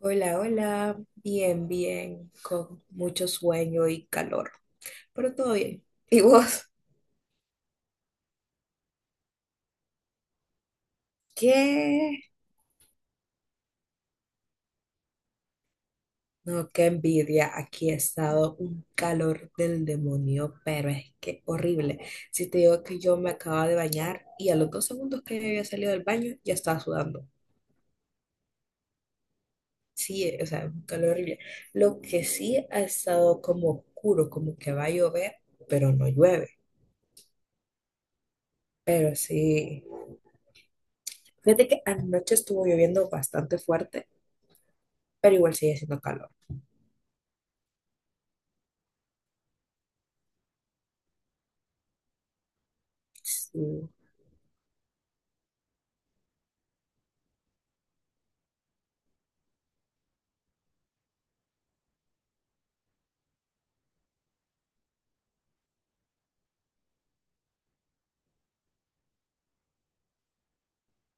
Hola, hola, bien, bien, con mucho sueño y calor, pero todo bien. ¿Y vos? ¿Qué? No, qué envidia, aquí ha estado un calor del demonio, pero es que horrible. Si te digo que yo me acababa de bañar y a los dos segundos que había salido del baño ya estaba sudando. Sí, o sea, un calor horrible. Lo que sí ha estado como oscuro, como que va a llover, pero no llueve. Pero sí, fíjate que anoche estuvo lloviendo bastante fuerte pero igual sigue siendo calor. Sí.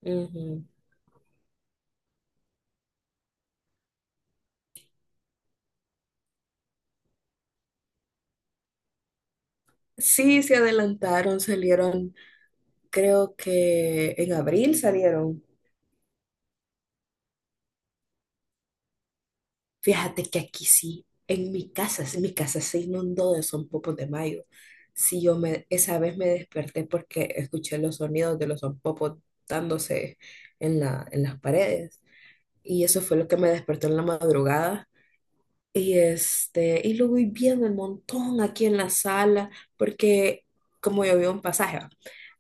Ujú. Sí, se adelantaron, salieron, creo que en abril salieron. Fíjate que aquí sí, en mi casa, sí, mi casa se inundó de zompopos de mayo. Sí, esa vez me desperté porque escuché los sonidos de los zompopos dándose en las paredes. Y eso fue lo que me despertó en la madrugada. Y lo voy viendo el montón aquí en la sala, porque como yo vivo en pasaje, ¿va?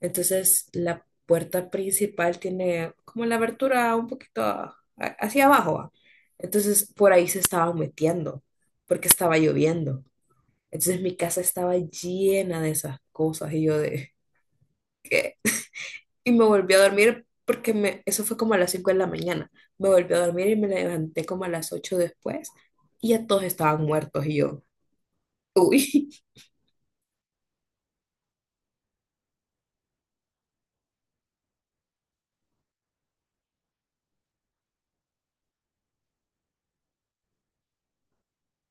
Entonces la puerta principal tiene como la abertura un poquito hacia abajo, ¿va? Entonces por ahí se estaban metiendo, porque estaba lloviendo. Entonces mi casa estaba llena de esas cosas y yo de, ¿qué? Y me volví a dormir eso fue como a las 5 de la mañana. Me volví a dormir y me levanté como a las 8 después y ya todos estaban muertos y yo. Uy,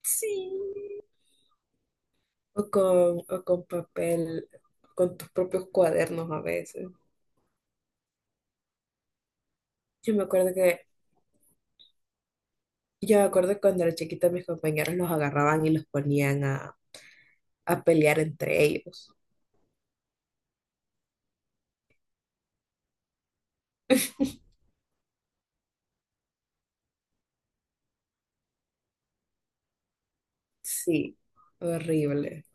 Sí. O con papel, con tus propios cuadernos a veces. Yo me acuerdo que, yo me acuerdo cuando era chiquita mis compañeros los agarraban y los ponían a pelear entre ellos. Sí, horrible.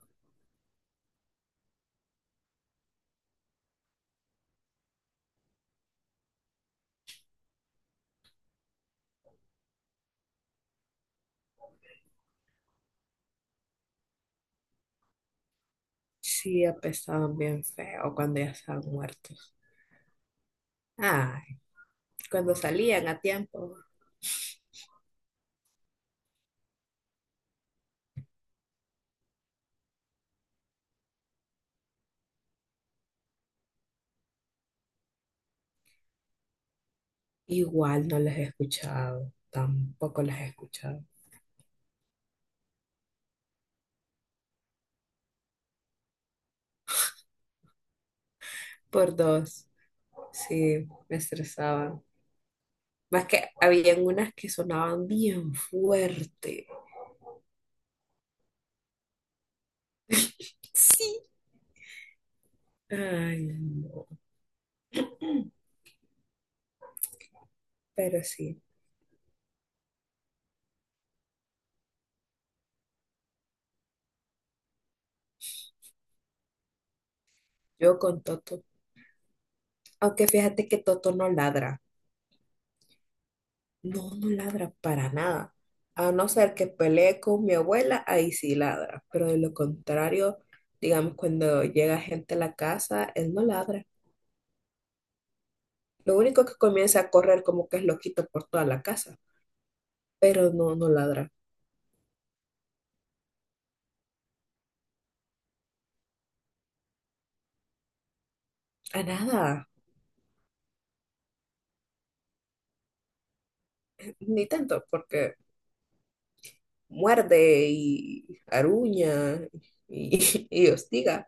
Sí, apestaban bien feo cuando ya estaban muertos. Ay, cuando salían a tiempo, igual no les he escuchado, tampoco les he escuchado. Por dos, sí, me estresaban. Más que habían unas que sonaban bien fuerte. Sí. Ay, no. Pero sí, yo con Toto. Aunque fíjate que Toto no ladra. No, no ladra para nada. A no ser que pelee con mi abuela, ahí sí ladra. Pero de lo contrario, digamos, cuando llega gente a la casa, él no ladra. Lo único que comienza a correr como que es loquito por toda la casa. Pero no, no ladra. A nada. Ni tanto, porque muerde y aruña y, y hostiga,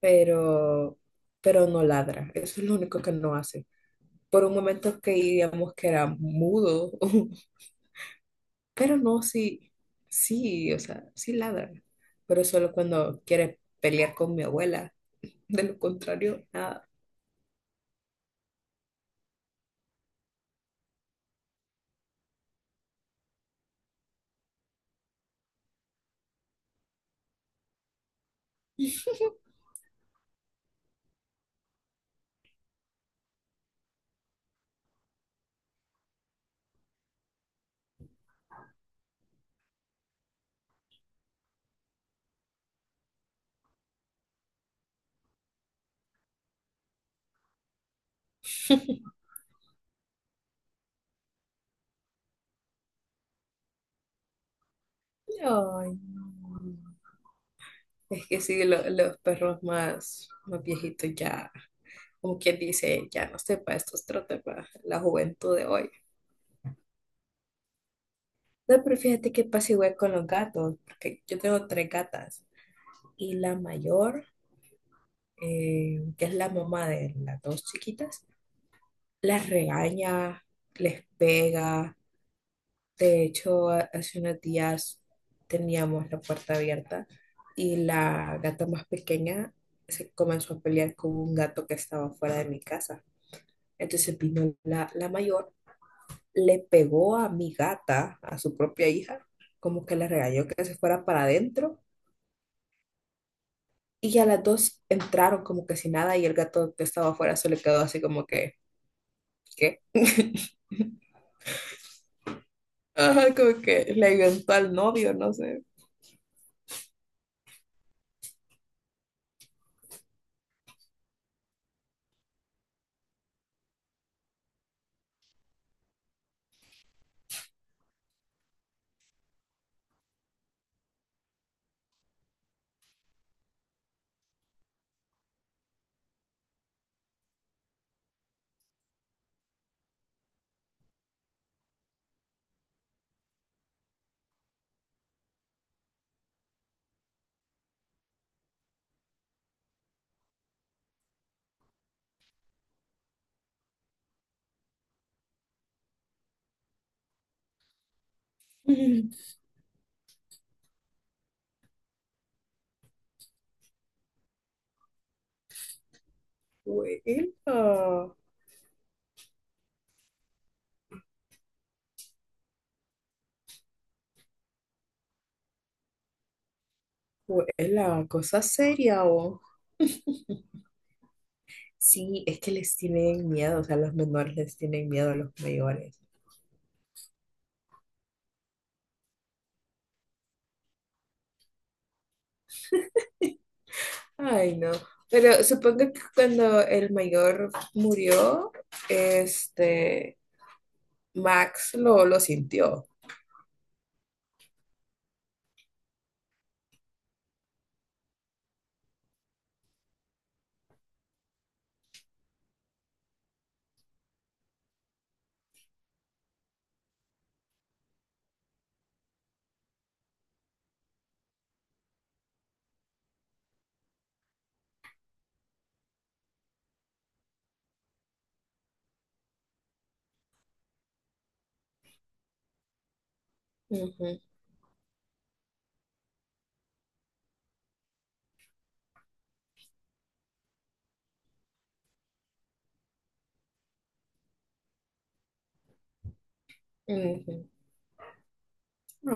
pero, pero no ladra. Eso es lo único que no hace. Por un momento que digamos que era mudo, pero no, sí, sí, o sea, sí ladra, pero solo cuando quiere pelear con mi abuela. De lo contrario, nada. Ay, no. Es que sí, los perros más viejitos ya, como quien dice, ya no sepa, estos trotes para la juventud de hoy. No, pero fíjate que pasa igual con los gatos, porque yo tengo tres gatas y la mayor, que es la mamá de las dos chiquitas, las regaña, les pega. De hecho, hace unos días teníamos la puerta abierta y la gata más pequeña se comenzó a pelear con un gato que estaba fuera de mi casa. Entonces vino la mayor, le pegó a mi gata, a su propia hija, como que la regañó que se fuera para adentro. Y ya las dos entraron como que sin nada y el gato que estaba afuera se le quedó así como que, ¿qué? Ajá, como que le inventó al novio, no sé. Fue la, Cosa seria o. Sí, es que les tienen miedo, o sea, los menores les tienen miedo a los mayores. Ay, no. Pero supongo que cuando el mayor murió, este, Max lo sintió. Ujú, ujú.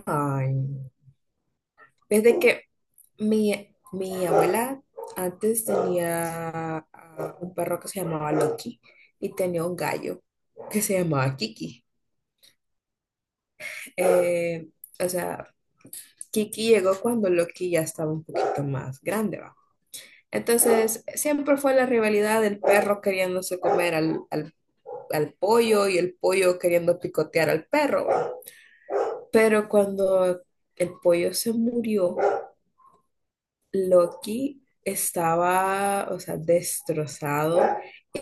Ay, no. Es de que mi abuela antes tenía un perro que se llamaba Loki y tenía un gallo que se llamaba Kiki. Eh, o sea, Kiki llegó cuando Loki ya estaba un poquito más grande, ¿va? Entonces, siempre fue la rivalidad del perro queriéndose comer al pollo y el pollo queriendo picotear al perro, ¿va? Pero cuando el pollo se murió, Loki estaba, o sea, destrozado.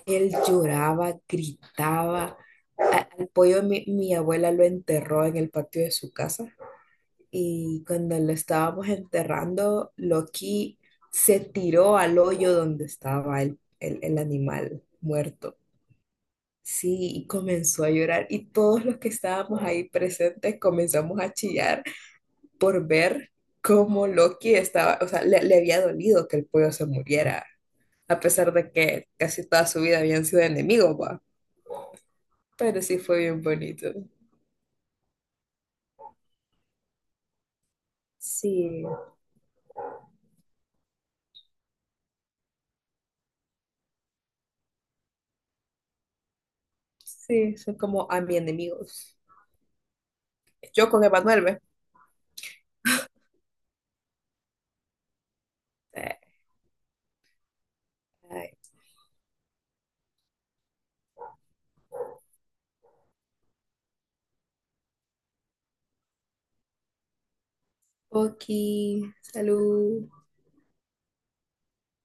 Él lloraba, gritaba. Al pollo mi abuela lo enterró en el patio de su casa y cuando lo estábamos enterrando, Loki se tiró al hoyo donde estaba el animal muerto. Sí, y comenzó a llorar y todos los que estábamos ahí presentes comenzamos a chillar por ver cómo Loki estaba, o sea, le había dolido que el pollo se muriera a pesar de que casi toda su vida habían sido enemigos, va. Pero sí fue bien bonito. Sí, sí, son como a mi enemigos. Yo con Emanuel, ¿ve? Eh, ay. Oki, salud.